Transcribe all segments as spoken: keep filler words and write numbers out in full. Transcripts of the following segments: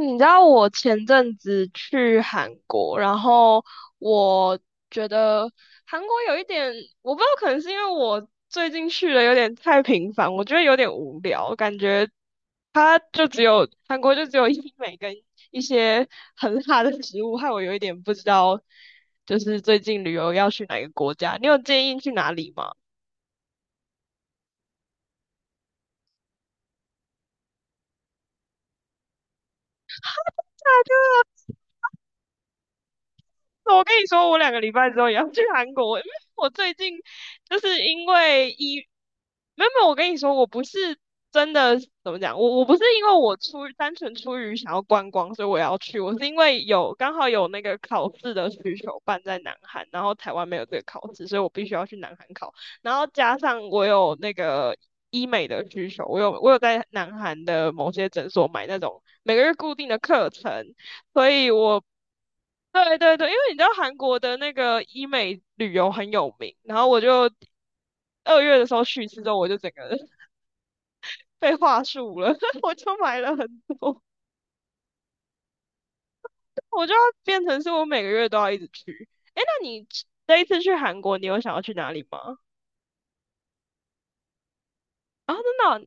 你知道我前阵子去韩国，然后我觉得韩国有一点，我不知道，可能是因为我最近去的有点太频繁，我觉得有点无聊，感觉它就只有韩国就只有医美跟一些很辣的食物，害我有一点不知道，就是最近旅游要去哪个国家，你有建议去哪里吗？我跟你说，我两个礼拜之后也要去韩国，因为我最近就是因为医，没有没有，我跟你说，我不是真的怎么讲，我我不是因为我出于单纯出于想要观光，所以我要去，我是因为有刚好有那个考试的需求办在南韩，然后台湾没有这个考试，所以我必须要去南韩考，然后加上我有那个医美的需求，我有我有在南韩的某些诊所买那种每个月固定的课程。所以我对对对，因为你知道韩国的那个医美旅游很有名，然后我就二月的时候去一次之后，我就整个人 被话术了，我就买了很多，我就要变成是我每个月都要一直去。诶，那你这一次去韩国，你有想要去哪里吗？啊，真的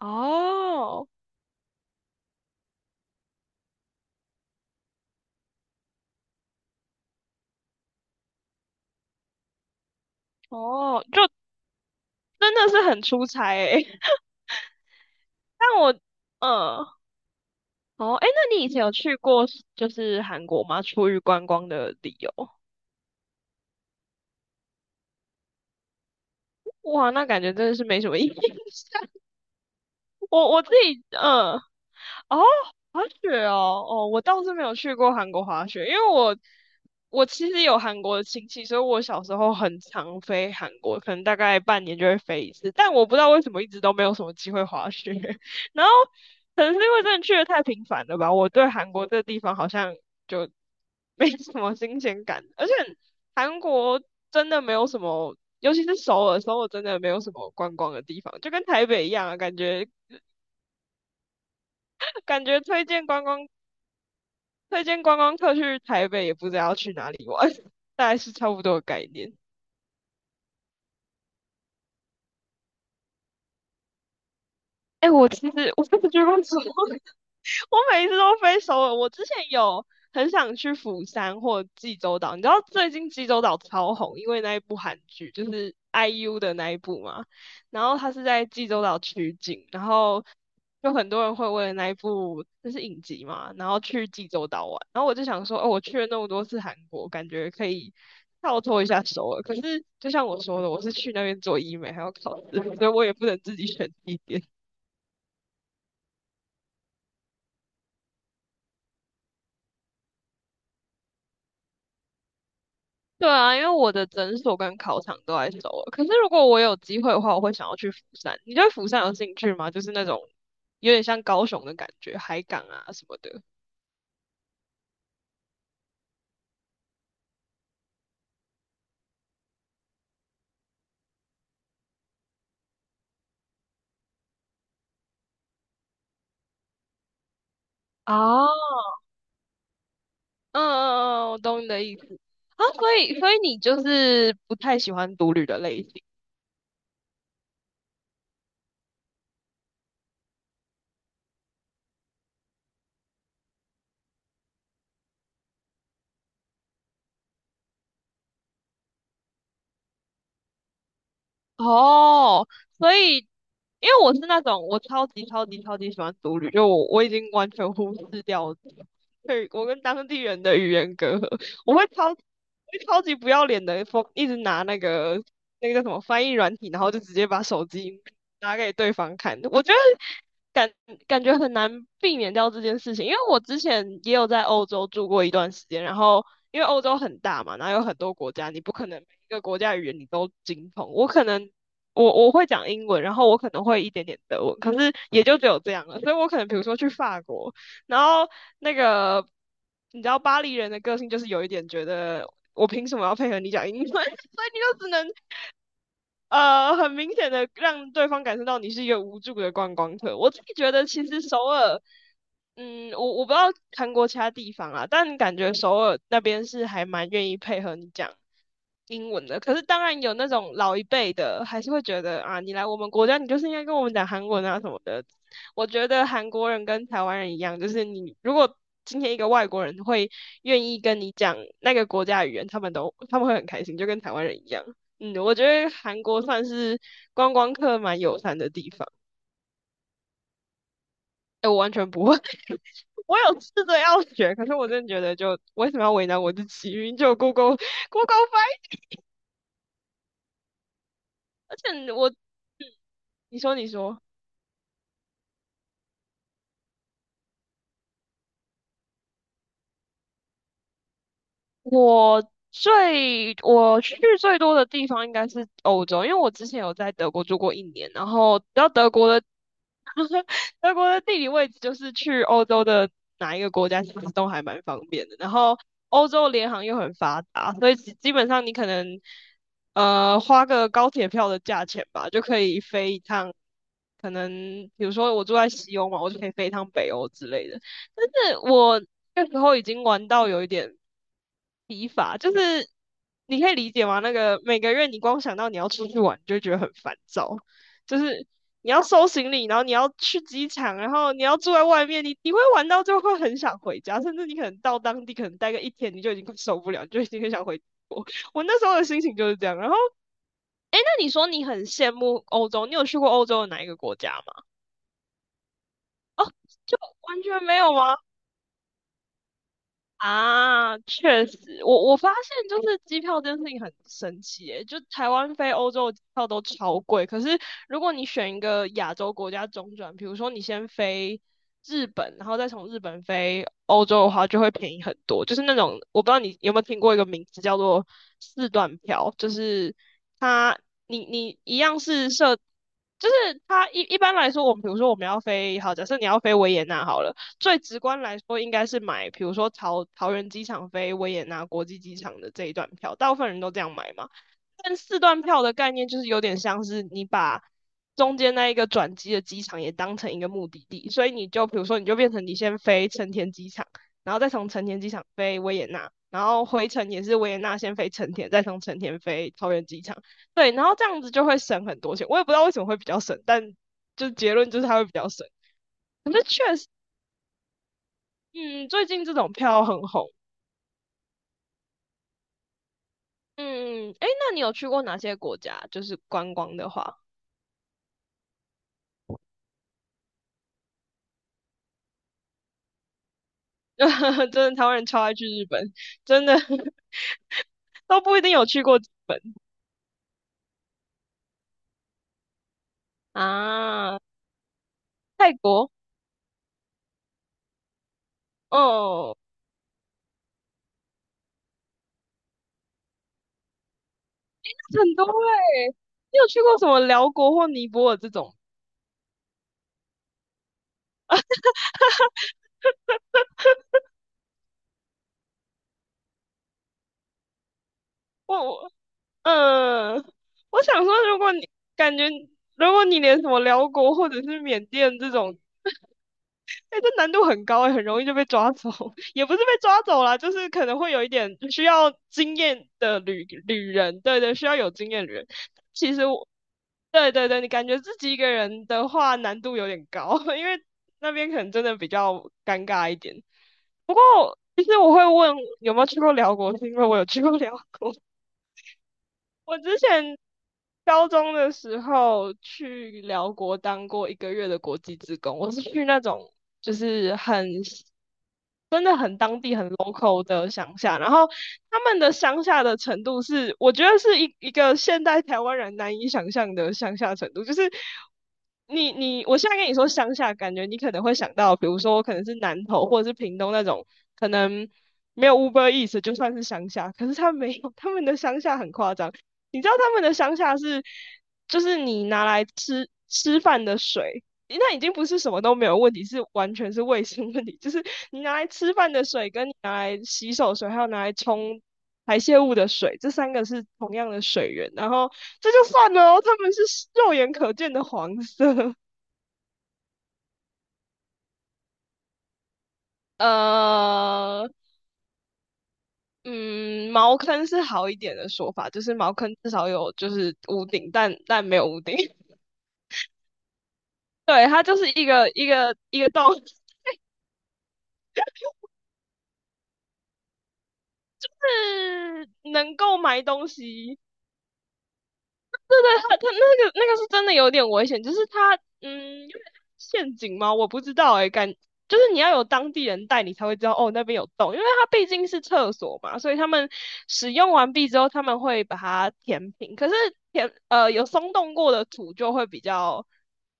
哦，哦哦就真的是很出差诶。但我，嗯，哦，诶，那你以前有去过就是韩国吗？出于观光的理由？哇，那感觉真的是没什么意义。我我自己，嗯，哦，滑雪哦，哦，我倒是没有去过韩国滑雪，因为我我其实有韩国的亲戚，所以我小时候很常飞韩国，可能大概半年就会飞一次，但我不知道为什么一直都没有什么机会滑雪，然后可能是因为真的去的太频繁了吧，我对韩国这个地方好像就没什么新鲜感，而且韩国真的没有什么。尤其是首尔，首尔真的没有什么观光的地方，就跟台北一样啊，感觉感觉推荐观光推荐观光客去台北，也不知道要去哪里玩，大概是差不多的概念。哎、我其实我真的觉得分手 我每一次都飞首尔。我之前有很想去釜山或济州岛，你知道最近济州岛超红，因为那一部韩剧就是 I U 的那一部嘛。然后他是在济州岛取景，然后就很多人会为了那一部就是影集嘛，然后去济州岛玩。然后我就想说，哦，我去了那么多次韩国，感觉可以跳脱一下首尔。可是就像我说的，我是去那边做医美还要考试，所以我也不能自己选地点。对啊，因为我的诊所跟考场都在首尔。可是如果我有机会的话，我会想要去釜山。你对釜山有兴趣吗？就是那种有点像高雄的感觉，海港啊什么的。哦，嗯嗯嗯，我懂你的意思。啊，所以所以你就是不太喜欢独旅的类型。哦，所以因为我是那种我超级超级超级喜欢独旅，就我我已经完全忽视掉对我跟当地人的语言隔阂，我会超我会超级不要脸的，一直拿那个那个叫什么翻译软体，然后就直接把手机拿给对方看。我觉得感感觉很难避免掉这件事情，因为我之前也有在欧洲住过一段时间，然后因为欧洲很大嘛，然后有很多国家，你不可能每一个国家语言你都精通。我可能我我会讲英文，然后我可能会一点点德文，可是也就只有这样了。所以我可能比如说去法国，然后那个你知道巴黎人的个性就是有一点觉得我凭什么要配合你讲英文，所以你就只能呃，很明显的让对方感受到你是一个无助的观光客。我自己觉得，其实首尔，嗯，我我不知道韩国其他地方啊，但感觉首尔那边是还蛮愿意配合你讲英文的，可是当然有那种老一辈的，还是会觉得啊，你来我们国家，你就是应该跟我们讲韩文啊什么的。我觉得韩国人跟台湾人一样，就是你如果今天一个外国人会愿意跟你讲那个国家语言，他们都他们会很开心，就跟台湾人一样。嗯，我觉得韩国算是观光客蛮友善的地方。哎，我完全不会，我有试着要学，可是我真的觉得就为什么要为难我自己？明明就有 Google Google 翻译，而且我，嗯你说你说。我最我去最多的地方应该是欧洲，因为我之前有在德国住过一年，然后然后德国的德国的地理位置就是去欧洲的哪一个国家其实都还蛮方便的，然后欧洲联航又很发达，所以基基本上你可能呃花个高铁票的价钱吧，就可以飞一趟。可能比如说我住在西欧嘛，我就可以飞一趟北欧之类的。但是我那时候已经玩到有一点疲乏，就是你可以理解吗？那个每个月你光想到你要出去玩，你就会觉得很烦躁，就是你要收行李，然后你要去机场，然后你要住在外面，你你会玩到最后会很想回家，甚至你可能到当地可能待个一天，你就已经快受不了，你就已经很想回国。我那时候的心情就是这样。然后，那你说你很羡慕欧洲，你有去过欧洲的哪一个国家吗？就完全没有吗？啊，确实，我我发现就是机票这件事情很神奇耶，就台湾飞欧洲的机票都超贵，可是如果你选一个亚洲国家中转，比如说你先飞日本，然后再从日本飞欧洲的话，就会便宜很多。就是那种我不知道你有没有听过一个名字叫做四段票，就是它你你一样是设，就是它一一般来说，我们比如说我们要飞，好，假设你要飞维也纳好了。最直观来说，应该是买，比如说桃桃园机场飞维也纳国际机场的这一段票，大部分人都这样买嘛。但四段票的概念就是有点像是你把中间那一个转机的机场也当成一个目的地，所以你就比如说你就变成你先飞成田机场，然后再从成田机场飞维也纳，然后回程也是维也纳先飞成田，再从成田飞桃园机场。对，然后这样子就会省很多钱。我也不知道为什么会比较省，但就结论就是它会比较省。可是确实。嗯，最近这种票很红。嗯，诶，那你有去过哪些国家？就是观光的话，真的台湾人超爱去日本，真的 都不一定有去过日本啊。泰国，哦，很多诶，你有去过什么辽国或尼泊尔这种？我，我嗯，我想说，如果你感觉，如果你连什么辽国或者是缅甸这种哎、这难度很高哎、很容易就被抓走，也不是被抓走啦，就是可能会有一点需要经验的旅旅人，对对，需要有经验旅人。其实我，对对对，你感觉自己一个人的话难度有点高，因为那边可能真的比较尴尬一点。不过，其实我会问有没有去过辽国，是因为我有去过辽国。我之前高中的时候去辽国当过一个月的国际职工，我是去那种就是很真的很当地很 local 的乡下，然后他们的乡下的程度是，我觉得是一一个现代台湾人难以想象的乡下程度，就是你你我现在跟你说乡下，感觉你可能会想到，比如说我可能是南投或者是屏东那种，可能没有 Uber Eats 就算是乡下，可是他没有，他们的乡下很夸张，你知道他们的乡下是，就是你拿来吃吃饭的水，那已经不是什么都没有问题，是完全是卫生问题。就是你拿来吃饭的水，跟你拿来洗手水，还有拿来冲排泄物的水，这三个是同样的水源。然后这就算了哦，他们是肉眼可见的黄色。呃，嗯，茅坑是好一点的说法，就是茅坑至少有就是屋顶，但但没有屋顶。对，它就是一个一个一个洞，是能够买东西，对，他他那个那个是真的有点危险，就是他嗯，有点陷阱吗？我不知道哎、欸感就是你要有当地人带你才会知道哦，那边有洞，因为它毕竟是厕所嘛，所以他们使用完毕之后，他们会把它填平。可是填呃有松动过的土就会比较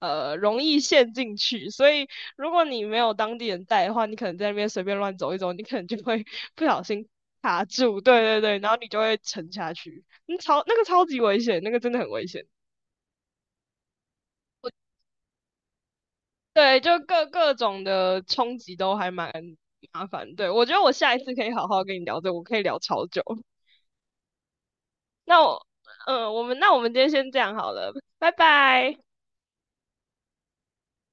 呃容易陷进去，所以如果你没有当地人带的话，你可能在那边随便乱走一走，你可能就会不小心卡住，对对对，然后你就会沉下去。嗯超那个超级危险，那个真的很危险。对，就各各种的冲击都还蛮麻烦。对，我觉得我下一次可以好好跟你聊这个我可以聊超久。那我，嗯、我们那我们今天先这样好了，拜拜。